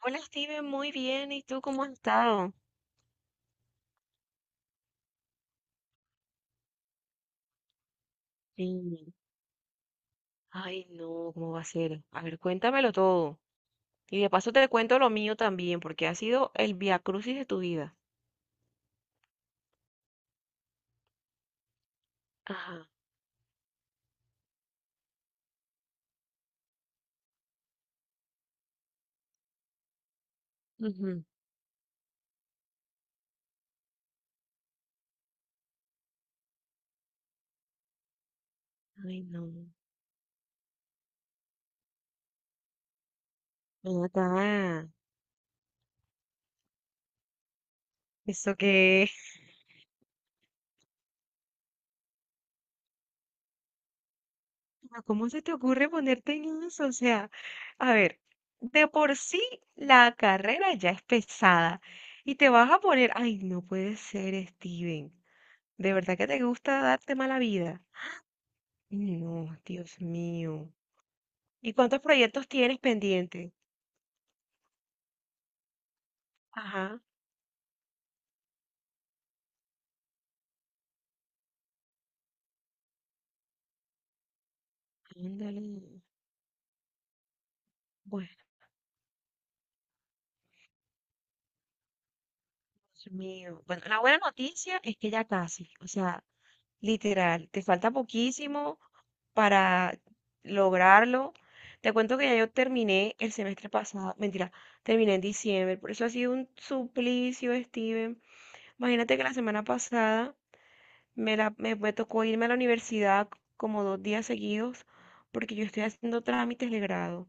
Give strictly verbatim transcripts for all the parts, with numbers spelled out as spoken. Hola Steven, muy bien. ¿Y tú cómo has estado? Sí. Ay, no, ¿cómo va a ser? A ver, cuéntamelo todo. Y de paso te cuento lo mío también, porque ha sido el viacrucis de tu vida. Ajá. Ujú. Ay, no. Ven acá. ¿Eso qué es? Pero, ¿cómo se te ocurre ponerte en eso? O sea, a ver, de por sí la carrera ya es pesada. Y te vas a poner, ay, no puede ser, Steven. De verdad que te gusta darte mala vida. No, Dios mío. ¿Y cuántos proyectos tienes pendiente? Ajá. Ándale. Bueno, Dios mío. Bueno, la buena noticia es que ya casi, o sea, literal, te falta poquísimo para lograrlo. Te cuento que ya yo terminé el semestre pasado, mentira, terminé en diciembre, por eso ha sido un suplicio, Steven. Imagínate que la semana pasada me, la, me, me tocó irme a la universidad como dos días seguidos porque yo estoy haciendo trámites de grado.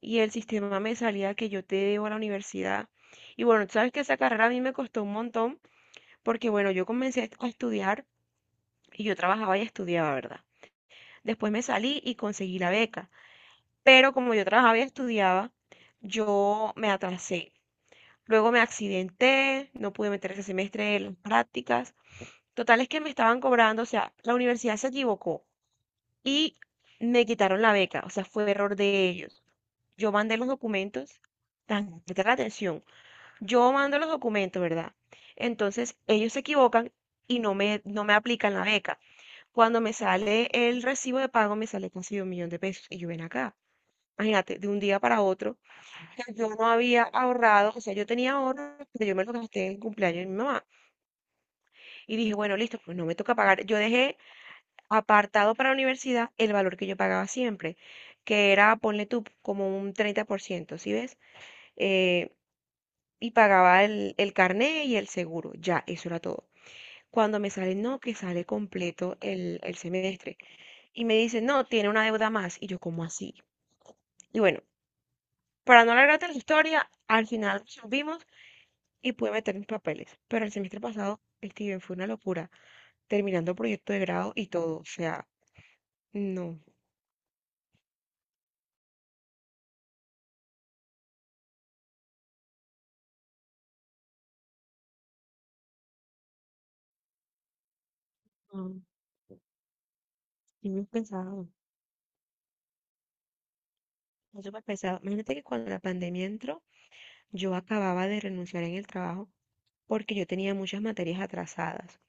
Y el sistema me salía que yo te debo a la universidad. Y bueno, tú sabes que esa carrera a mí me costó un montón porque bueno, yo comencé a estudiar y yo trabajaba y estudiaba, ¿verdad? Después me salí y conseguí la beca, pero como yo trabajaba y estudiaba, yo me atrasé. Luego me accidenté, no pude meter ese semestre en las prácticas. Total es que me estaban cobrando, o sea, la universidad se equivocó y me quitaron la beca, o sea, fue error de ellos. Yo mandé los documentos, tan, presta atención. Yo mando los documentos, ¿verdad? Entonces ellos se equivocan y no me, no me aplican la beca. Cuando me sale el recibo de pago, me sale casi un millón de pesos. Y yo ven acá. Imagínate, de un día para otro, que yo no había ahorrado, o sea, yo tenía ahorro, pero yo me lo gasté en el cumpleaños de mi mamá. Y dije, bueno, listo, pues no me toca pagar. Yo dejé apartado para la universidad el valor que yo pagaba siempre, que era, ponle tú, como un treinta por ciento, ¿sí ves? Eh, y pagaba el, el carné y el seguro, ya, eso era todo. Cuando me sale, no, que sale completo el, el semestre. Y me dice, no, tiene una deuda más. Y yo, ¿cómo así? Y bueno, para no alargarte la historia, al final subimos y pude meter mis papeles. Pero el semestre pasado, Steven, fue una locura, terminando proyecto de grado y todo. O sea, no, no, sí muy pesado, fue súper pesado. Imagínate que cuando la pandemia entró, yo acababa de renunciar en el trabajo porque yo tenía muchas materias atrasadas.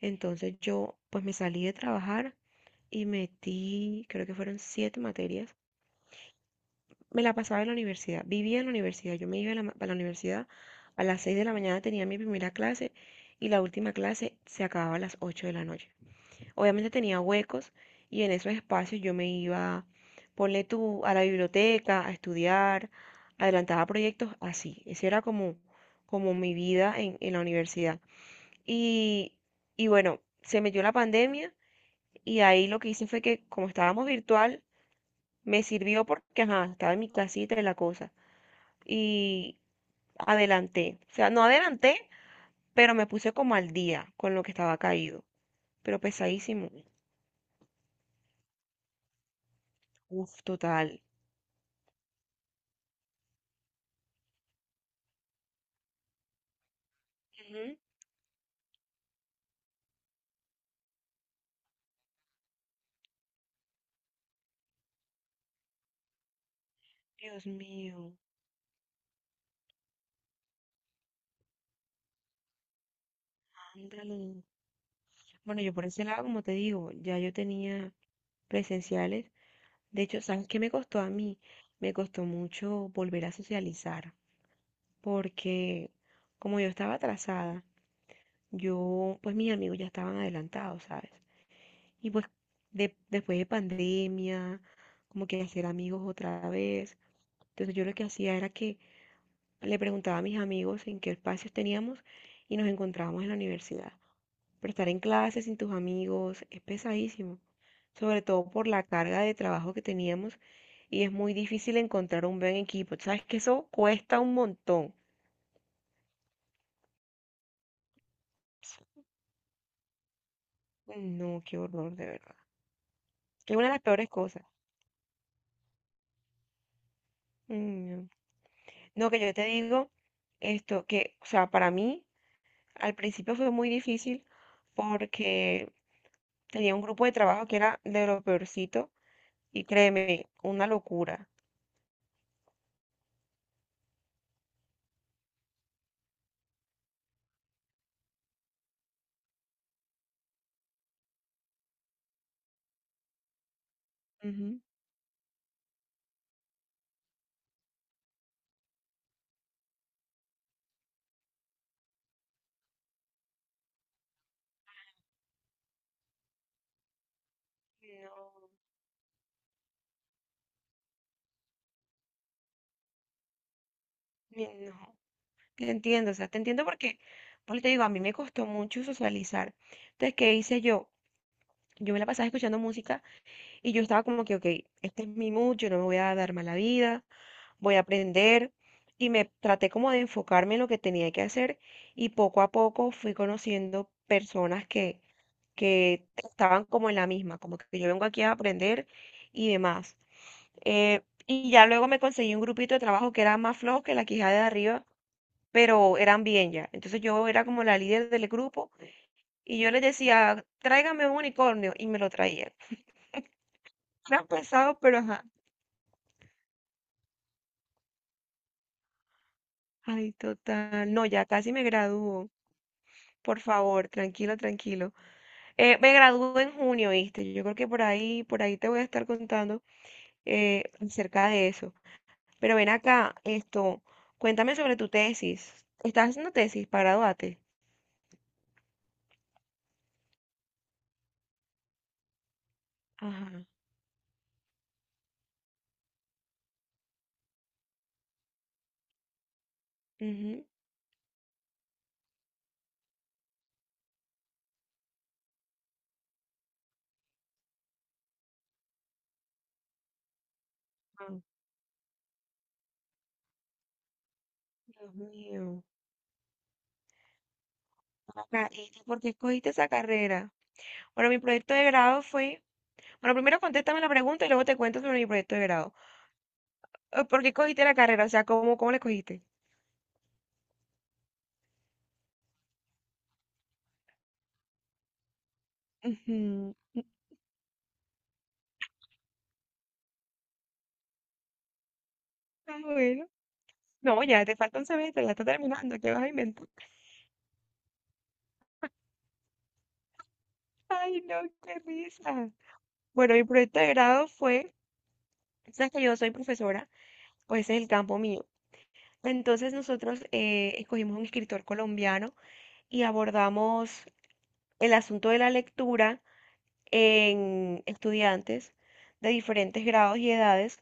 Entonces yo, pues me salí de trabajar y metí, creo que fueron siete materias. Me la pasaba en la universidad, vivía en la universidad. Yo me iba a la, a la universidad a las seis de la mañana, tenía mi primera clase y la última clase se acababa a las ocho de la noche. Obviamente tenía huecos y en esos espacios yo me iba, ponle tú, a la biblioteca, a estudiar, adelantaba proyectos así. Esa era como, como mi vida en, en la universidad. Y, y bueno, se metió la pandemia y ahí lo que hice fue que como estábamos virtual, me sirvió porque, ajá, estaba en mi casita y la cosa. Y adelanté. O sea, no adelanté, pero me puse como al día con lo que estaba caído. Pero pesadísimo. Uf, total. Ujú. Dios mío. Ándale. Bueno, yo por ese lado, como te digo, ya yo tenía presenciales. De hecho, ¿sabes qué me costó a mí? Me costó mucho volver a socializar, porque como yo estaba atrasada, yo, pues mis amigos ya estaban adelantados, ¿sabes? Y pues de- después de pandemia, como que hacer amigos otra vez. Entonces yo lo que hacía era que le preguntaba a mis amigos en qué espacios teníamos y nos encontrábamos en la universidad. Pero estar en clase sin tus amigos es pesadísimo, sobre todo por la carga de trabajo que teníamos y es muy difícil encontrar un buen equipo. Sabes que eso cuesta un montón. No, qué horror, de verdad. Es una de las peores cosas. Mm, No, que yo te digo esto, que, o sea, para mí al principio fue muy difícil porque tenía un grupo de trabajo que era de lo peorcito y créeme, una locura. Ujú. No, ni- no, te entiendo, o sea, te entiendo porque, pues te digo, a mí me costó mucho socializar. Entonces, ¿qué hice yo? Yo me la pasaba escuchando música y yo estaba como que, ok, este es mi mood, yo no me voy a dar mala vida, voy a aprender y me traté como de enfocarme en lo que tenía que hacer y poco a poco fui conociendo personas que, que estaban como en la misma, como que yo vengo aquí a aprender y demás. Eh, y ya luego me conseguí un grupito de trabajo que era más flojo que la quijada de arriba, pero eran bien ya. Entonces yo era como la líder del grupo y yo les decía, tráigame un unicornio y me lo traían. Era pesado, pero ajá. Ay, total. No, ya casi me gradúo. Por favor, tranquilo, tranquilo. Eh, me gradúo en junio, ¿viste? Yo creo que por ahí, por ahí te voy a estar contando eh, acerca de eso. Pero ven acá, esto, cuéntame sobre tu tesis. ¿Estás haciendo tesis para graduarte? Ajá. Ujú. Mm. Dios mío. Acá, ¿y tú por qué escogiste esa carrera? Bueno, mi proyecto de grado fue... Bueno, primero contéstame la pregunta y luego te cuento sobre mi proyecto de grado. Eh, ¿Por qué escogiste la carrera? O sea, ¿cómo, cómo la escogiste? Ujú. Ah, bueno. No, ya te falta un semestre, la estás terminando, ¿qué vas a inventar? Ay, no, qué risa. Bueno, mi proyecto de grado fue, sabes que yo soy profesora, pues ese es el campo mío. Entonces nosotros eh, escogimos un escritor colombiano y abordamos el asunto de la lectura en estudiantes de diferentes grados y edades.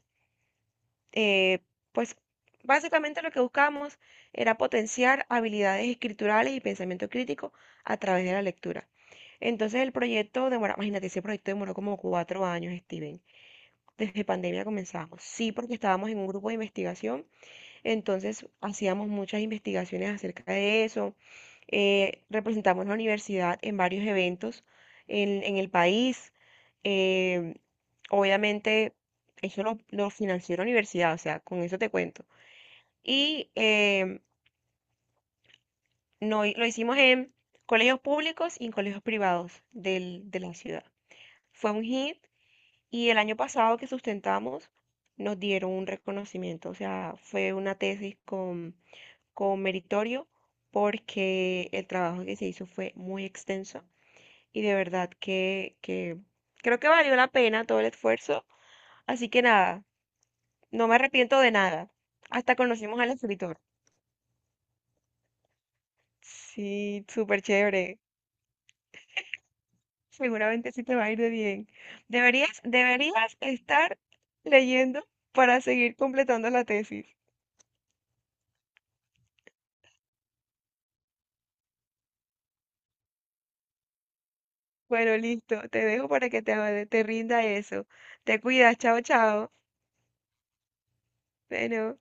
Eh, pues básicamente lo que buscábamos era potenciar habilidades escriturales y pensamiento crítico a través de la lectura. Entonces el proyecto demora, imagínate, ese proyecto demoró como cuatro años, Steven. Desde pandemia comenzamos. Sí, porque estábamos en un grupo de investigación, entonces hacíamos muchas investigaciones acerca de eso. Eh, representamos la universidad en varios eventos en, en el país. Eh, obviamente, eso lo, lo financió la universidad, o sea, con eso te cuento. Y eh, no, lo hicimos en colegios públicos y en colegios privados del- de la ciudad. Fue un hit. Y el año pasado que sustentamos, nos dieron un reconocimiento, o sea, fue una tesis con, con meritorio porque el trabajo que se hizo fue muy extenso y de verdad que, que creo que valió la pena todo el esfuerzo. Así que nada, no me arrepiento de nada. Hasta conocimos al escritor. Sí, súper chévere. Seguramente sí te va a ir de bien. Deberías, deberías estar leyendo para seguir completando la tesis. Bueno, listo, te dejo para que te, te rinda eso. Te cuidas, chao, chao. Bueno.